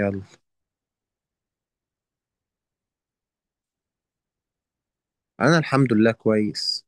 يلا. انا الحمد لله كويس.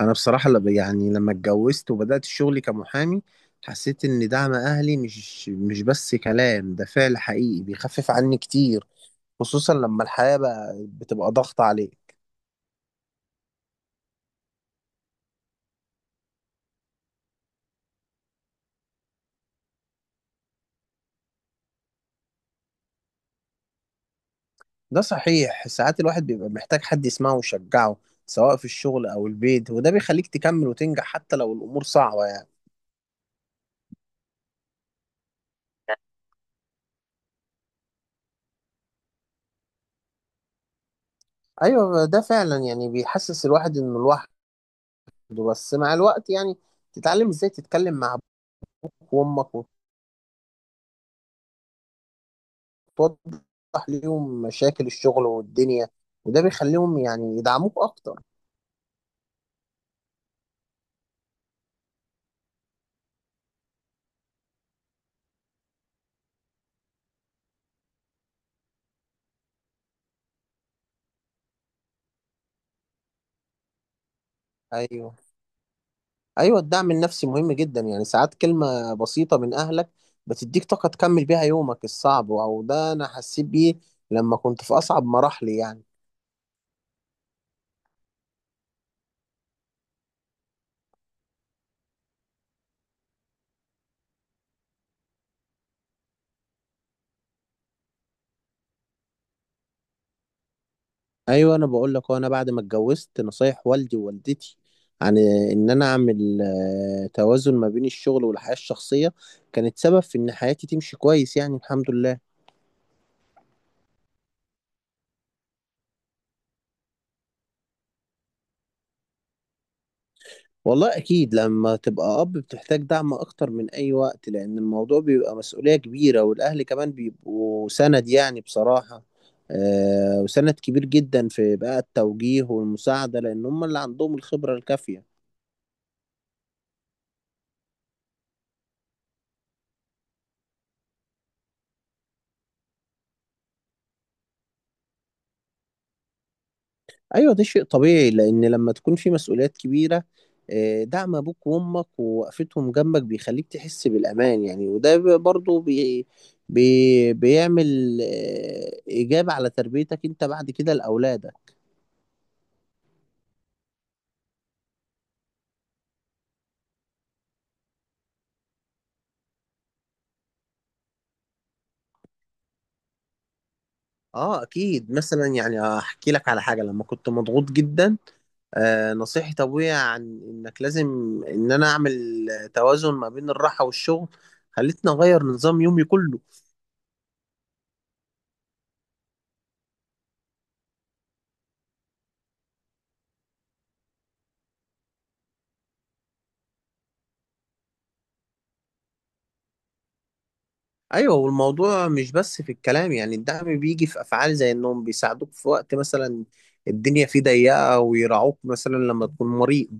انا بصراحه لما اتجوزت وبدات شغلي كمحامي حسيت ان دعم اهلي مش بس كلام، ده فعل حقيقي بيخفف عني كتير، خصوصا لما الحياه بقى بتبقى ضغط عليه. ده صحيح، ساعات الواحد بيبقى محتاج حد يسمعه ويشجعه سواء في الشغل او البيت، وده بيخليك تكمل وتنجح حتى لو الامور صعبه يعني. ايوه ده فعلا يعني بيحسس الواحد انه لوحده، بس مع الوقت يعني تتعلم ازاي تتكلم مع ابوك وامك، توضح ليهم مشاكل الشغل والدنيا، وده بيخليهم يعني يدعموك اكتر. ايوه، ايوه، الدعم النفسي مهم جدا، يعني ساعات كلمة بسيطة من اهلك بتديك طاقة تكمل بيها يومك الصعب، او ده انا حسيت بيه لما كنت في اصعب مراحلي يعني. ايوه انا بقول لك، وانا بعد ما اتجوزت نصايح والدي ووالدتي عن ان انا اعمل توازن ما بين الشغل والحياة الشخصية كانت سبب في ان حياتي تمشي كويس، يعني الحمد لله. والله أكيد لما تبقى أب بتحتاج دعم أكتر من أي وقت، لأن الموضوع بيبقى مسؤولية كبيرة، والأهل كمان بيبقوا سند يعني بصراحة. آه وسند كبير جدا في بقى التوجيه والمساعدة، لأن هم اللي عندهم الخبرة الكافية. أيوة ده شيء طبيعي، لأن لما تكون في مسؤوليات كبيرة آه دعم أبوك وأمك ووقفتهم جنبك بيخليك تحس بالأمان يعني، وده بي- برضه بي بي بيعمل آه إيجاب على تربيتك أنت بعد كده لأولادك. اه اكيد، مثلا يعني احكي لك على حاجه: لما كنت مضغوط جدا آه نصيحة ابويا عن انك لازم ان انا اعمل توازن ما بين الراحه والشغل خلتني اغير نظام يومي كله. ايوه، والموضوع مش بس في الكلام، يعني الدعم بيجي في افعال زي انهم بيساعدوك في وقت مثلا الدنيا فيه ضيقه، ويراعوك مثلا لما تكون مريض.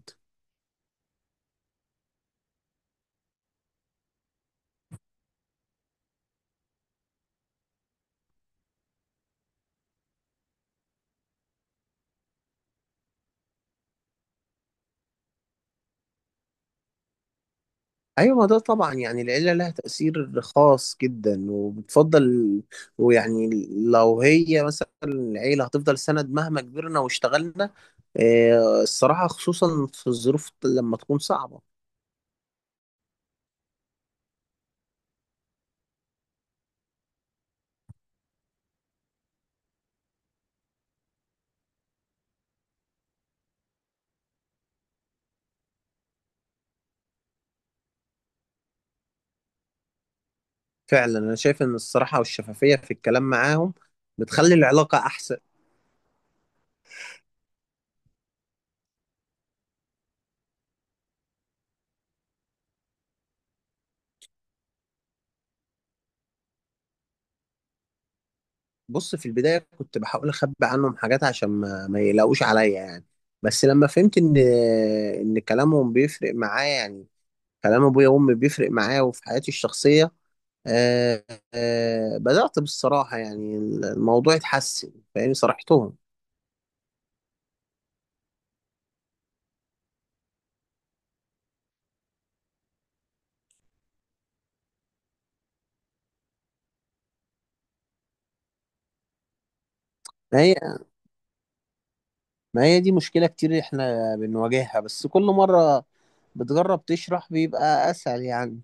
ايوه، ما ده طبعا يعني العيله لها تاثير خاص جدا وبتفضل، ويعني لو هي مثلا العيله هتفضل سند مهما كبرنا واشتغلنا. الصراحه خصوصا في الظروف لما تكون صعبه. فعلا انا شايف ان الصراحه والشفافيه في الكلام معاهم بتخلي العلاقه احسن. بص، في البدايه كنت بحاول اخبي عنهم حاجات عشان ما يلاقوش عليا يعني، بس لما فهمت ان ان كلامهم بيفرق معايا يعني، كلام ابويا وامي بيفرق معايا وفي حياتي الشخصيه، آه آه بدأت بالصراحة يعني الموضوع اتحسن، فاهمني صرحتهم. ما هي ما هي دي مشكلة كتير احنا بنواجهها، بس كل مرة بتجرب تشرح بيبقى أسهل يعني.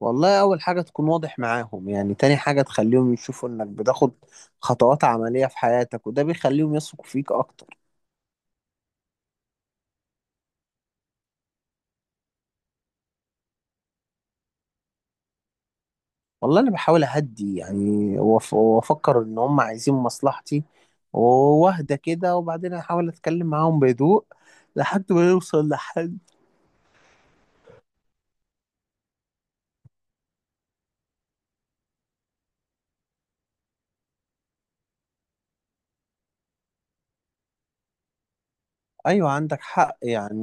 والله أول حاجة تكون واضح معاهم يعني، تاني حاجة تخليهم يشوفوا إنك بتاخد خطوات عملية في حياتك، وده بيخليهم يثقوا فيك أكتر. والله انا بحاول اهدي يعني، وافكر ان هم عايزين مصلحتي، واهدى كده وبعدين احاول اتكلم معاهم بهدوء لحد ما نوصل لحل. ايوه عندك حق يعني.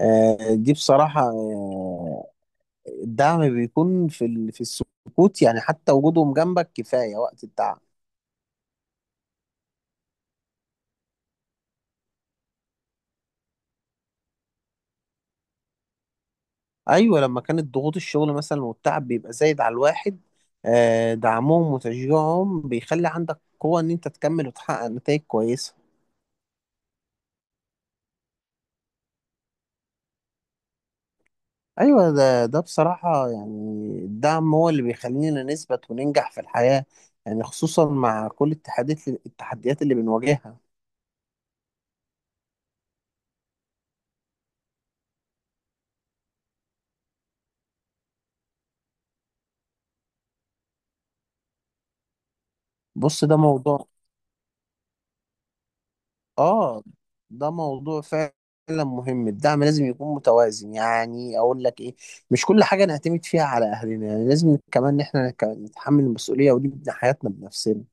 دي بصراحة، آه، الدعم بيكون في في السكوت يعني، حتى وجودهم جنبك كفاية وقت التعب. ايوه لما كانت ضغوط الشغل مثلا والتعب بيبقى زايد على الواحد، دعمهم وتشجيعهم بيخلي عندك قوة ان انت تكمل وتحقق نتائج كويسة. ايوه، ده بصراحه يعني الدعم هو اللي بيخلينا نثبت وننجح في الحياه يعني، خصوصا مع كل التحديات اللي بنواجهها. بص ده موضوع، اه ده موضوع فعلا مهم. الدعم لازم يكون متوازن يعني، اقول لك ايه، مش كل حاجه نعتمد فيها على اهلنا يعني، لازم كمان ان احنا نتحمل المسؤوليه ونبني حياتنا بنفسنا.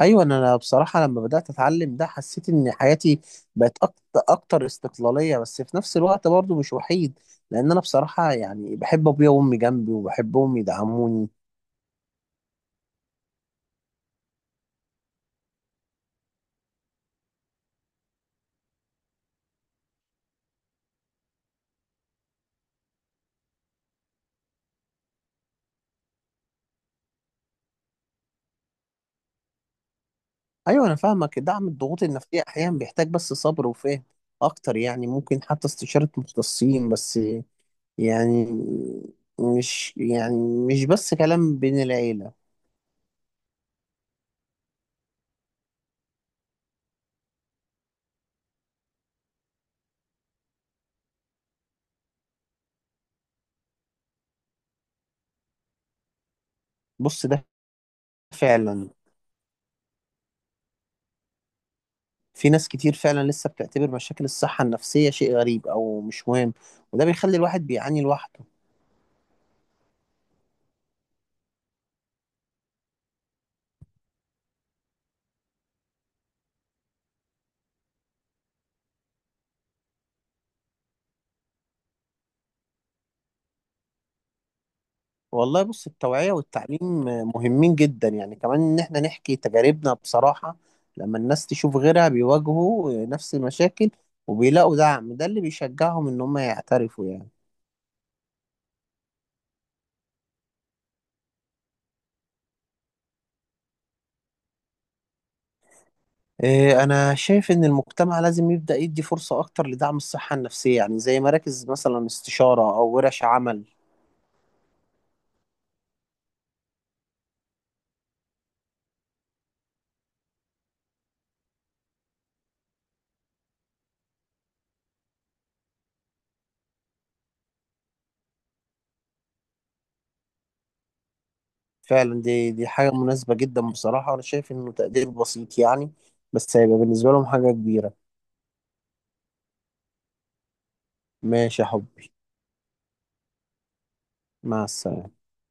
ايوه، انا بصراحه لما بدات اتعلم ده حسيت ان حياتي بقت أكت- اكتر استقلاليه، بس في نفس الوقت برضو مش وحيد، لان انا بصراحه يعني بحب ابويا وامي جنبي وبحبهم يدعموني. ايوه انا فاهمك، دعم الضغوط النفسيه احيانا بيحتاج بس صبر وفهم اكتر يعني، ممكن حتى استشاره مختصين، بس يعني يعني مش بس كلام بين العيله. بص ده فعلا في ناس كتير فعلا لسه بتعتبر مشاكل الصحة النفسية شيء غريب أو مش مهم، وده بيخلي الواحد بيعاني لوحده. والله بص، التوعية والتعليم مهمين جدا يعني، كمان إن إحنا نحكي تجاربنا بصراحة. لما الناس تشوف غيرها بيواجهوا نفس المشاكل وبيلاقوا دعم، ده اللي بيشجعهم إن هم يعترفوا يعني. إيه، أنا شايف إن المجتمع لازم يبدأ يدي فرصة أكتر لدعم الصحة النفسية، يعني زي مراكز مثلا استشارة أو ورش عمل. فعلا، دي حاجة مناسبة جدا، بصراحة أنا شايف إنه تقدير بسيط يعني، بس هيبقى بالنسبة لهم حاجة كبيرة. ماشي يا حبي. مع السلامة.